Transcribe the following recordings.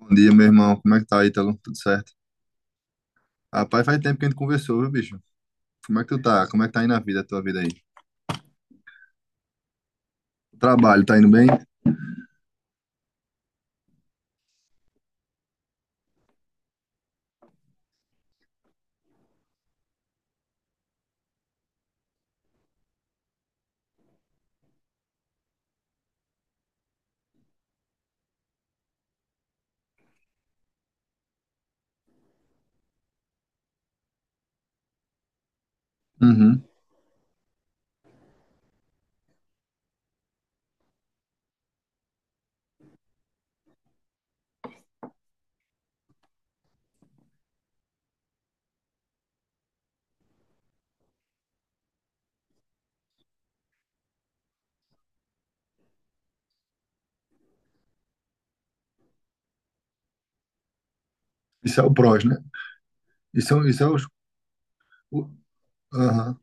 Bom dia, meu irmão. Como é que tá, Ítalo? Tudo certo? Rapaz, faz tempo que a gente conversou, viu, bicho? Como é que tu tá? Como é que tá indo a vida, a tua vida aí? O trabalho, tá indo bem? Uhum. Isso é o prós, né? Isso é, isso é os- o... Aham.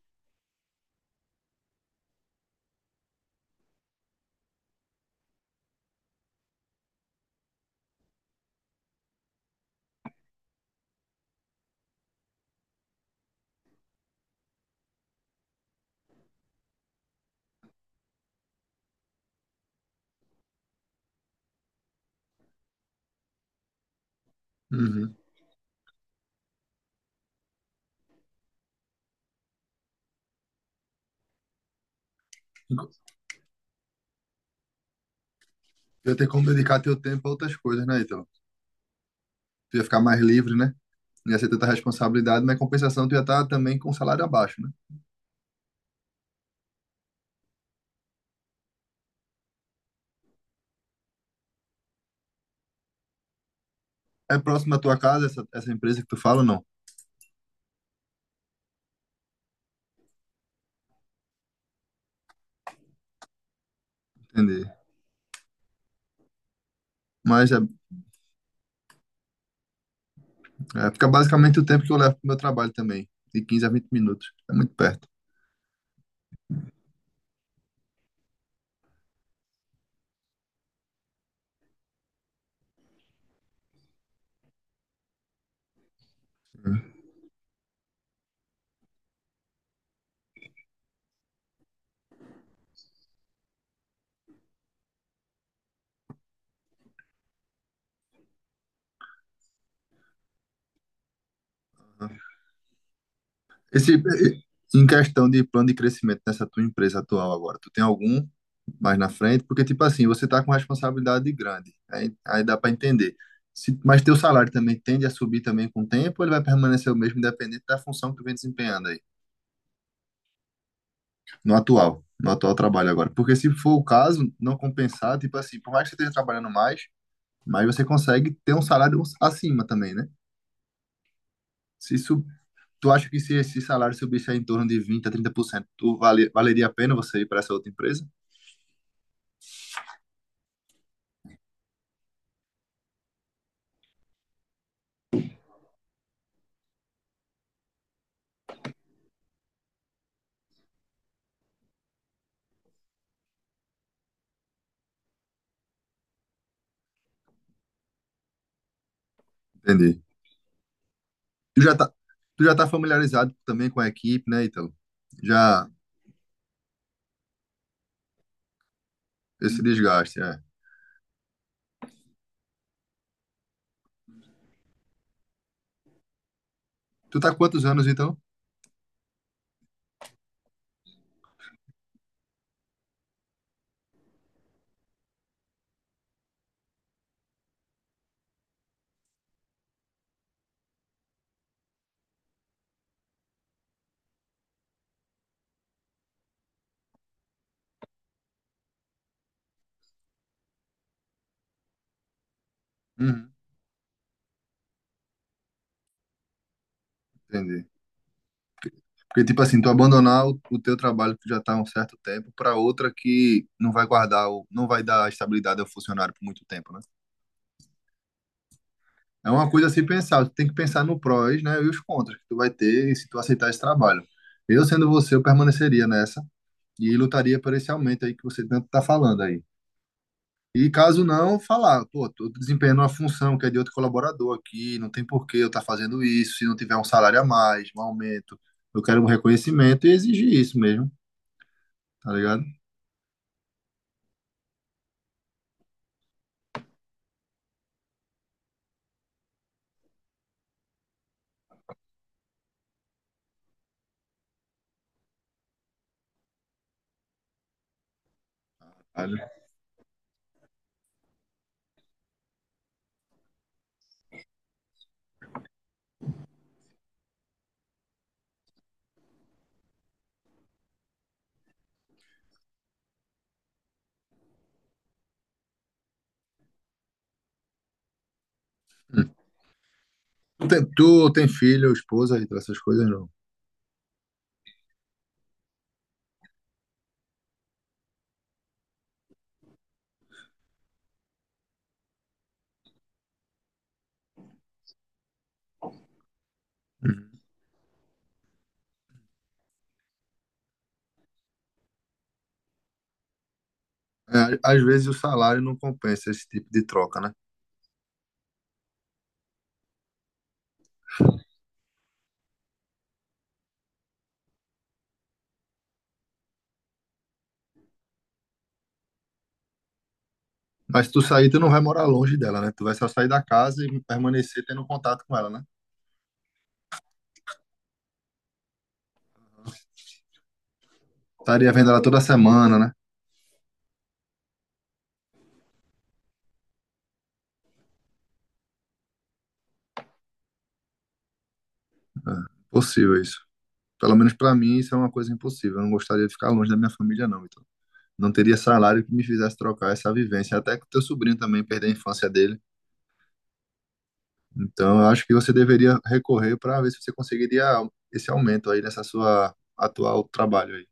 Uhum. Ia ter como dedicar teu tempo a outras coisas, né, Ítalo? Tu ia ficar mais livre, né? Não ia ser tanta responsabilidade, mas em compensação tu ia estar também com o salário abaixo, né? É próximo da tua casa essa empresa que tu fala ou não? Entendi. Mas é, fica basicamente o tempo que eu levo pro meu trabalho também, de 15 a 20 minutos. É muito perto. Esse, em questão de plano de crescimento nessa tua empresa atual agora, tu tem algum mais na frente? Porque, tipo assim, você tá com responsabilidade grande, aí dá para entender. Se, mas teu salário também tende a subir também com o tempo, ou ele vai permanecer o mesmo, independente da função que tu vem desempenhando aí, no atual trabalho agora. Porque se for o caso, não compensar, tipo assim, por mais que você esteja trabalhando mais, mas você consegue ter um salário acima também, né? Se isso, tu acha que se esse salário subisse aí em torno de 20 a 30% tu valeria a pena você ir para essa outra empresa? Entendi. Tu já tá, tu já tá familiarizado também com a equipe, né, Ítalo? Já esse desgaste, é. Tu tá há quantos anos, então? Uhum. Entendi. Porque, tipo assim, tu abandonar o teu trabalho que tu já tá há um certo tempo para outra que não vai guardar, o, não vai dar estabilidade ao funcionário por muito tempo, né? É uma coisa a se pensar, tu tem que pensar no prós, né, e os contras que tu vai ter se tu aceitar esse trabalho. Eu, sendo você, eu permaneceria nessa e lutaria por esse aumento aí que você tanto tá falando aí. E caso não, falar, pô, tô desempenhando uma função que é de outro colaborador aqui, não tem por que eu estar fazendo isso, se não tiver um salário a mais, um aumento, eu quero um reconhecimento e exigir isso mesmo, tá ligado? Olha. Hum. Tu tem filho, esposa, e essas coisas não. Hum. É, às vezes o salário não compensa esse tipo de troca, né? Mas se tu sair, tu não vai morar longe dela, né? Tu vai só sair da casa e permanecer tendo contato com ela, né? Estaria vendo ela toda semana, né? É, possível isso. Pelo menos para mim, isso é uma coisa impossível. Eu não gostaria de ficar longe da minha família, não, então. Não teria salário que me fizesse trocar essa vivência, até que o teu sobrinho também perdeu a infância dele. Então, eu acho que você deveria recorrer para ver se você conseguiria esse aumento aí nessa sua atual trabalho aí.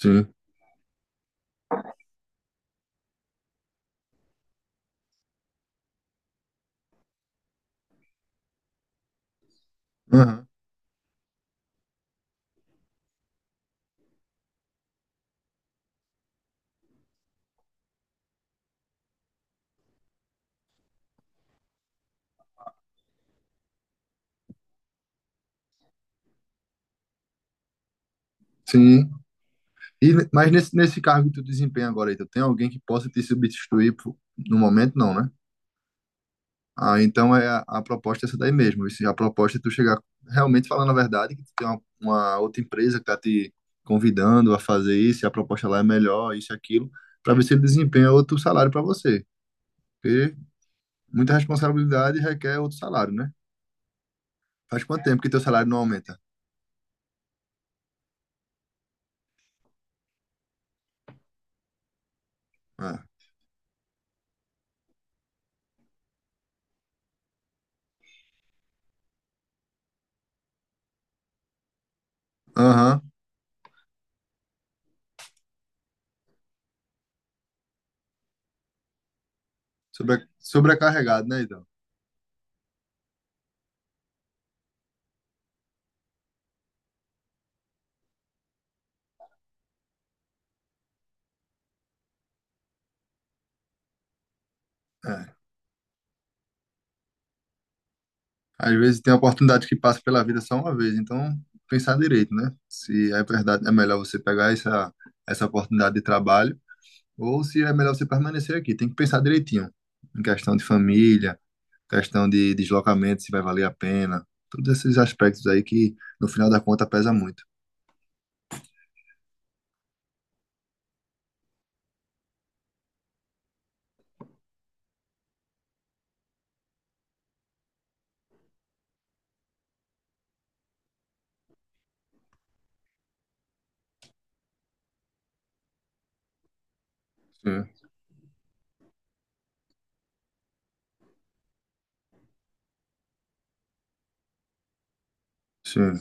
Sim. Aham. Sim. E, mas nesse, nesse cargo que tu desempenha agora aí, tu tem alguém que possa te substituir pro- no momento, não, né? Ah, então é a proposta é essa daí mesmo. Isso, a proposta é tu chegar realmente falando a verdade, que tu tem uma outra empresa que tá te convidando a fazer isso, e a proposta lá é melhor, isso e aquilo, para ver se ele desempenha outro salário para você. Porque muita responsabilidade requer outro salário, né? Faz quanto tempo que teu salário não aumenta? É. Aham. Sobrecarregado, né, então? É. Às vezes tem oportunidade que passa pela vida só uma vez, então pensar direito, né? Se é verdade, é melhor você pegar essa, essa oportunidade de trabalho. Ou se é melhor você permanecer aqui. Tem que pensar direitinho. Em questão de família, questão de deslocamento, se vai valer a pena. Todos esses aspectos aí que, no final da conta, pesa muito. Sim, sim.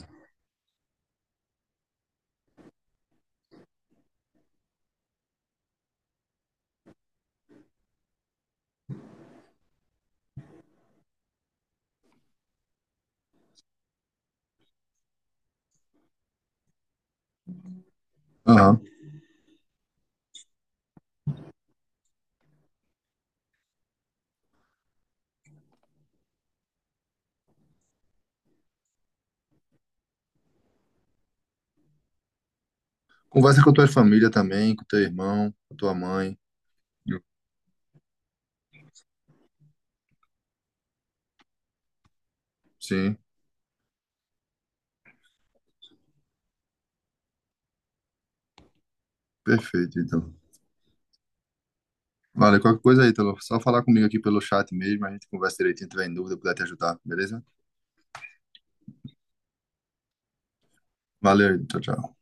Aham. Conversa com a tua família também, com teu irmão, com tua mãe. Sim, perfeito, então. Vale, qualquer coisa aí, Telo. Só falar comigo aqui pelo chat mesmo, a gente conversa direitinho, tiver em dúvida, puder te ajudar, beleza? Valeu, tchau, tchau.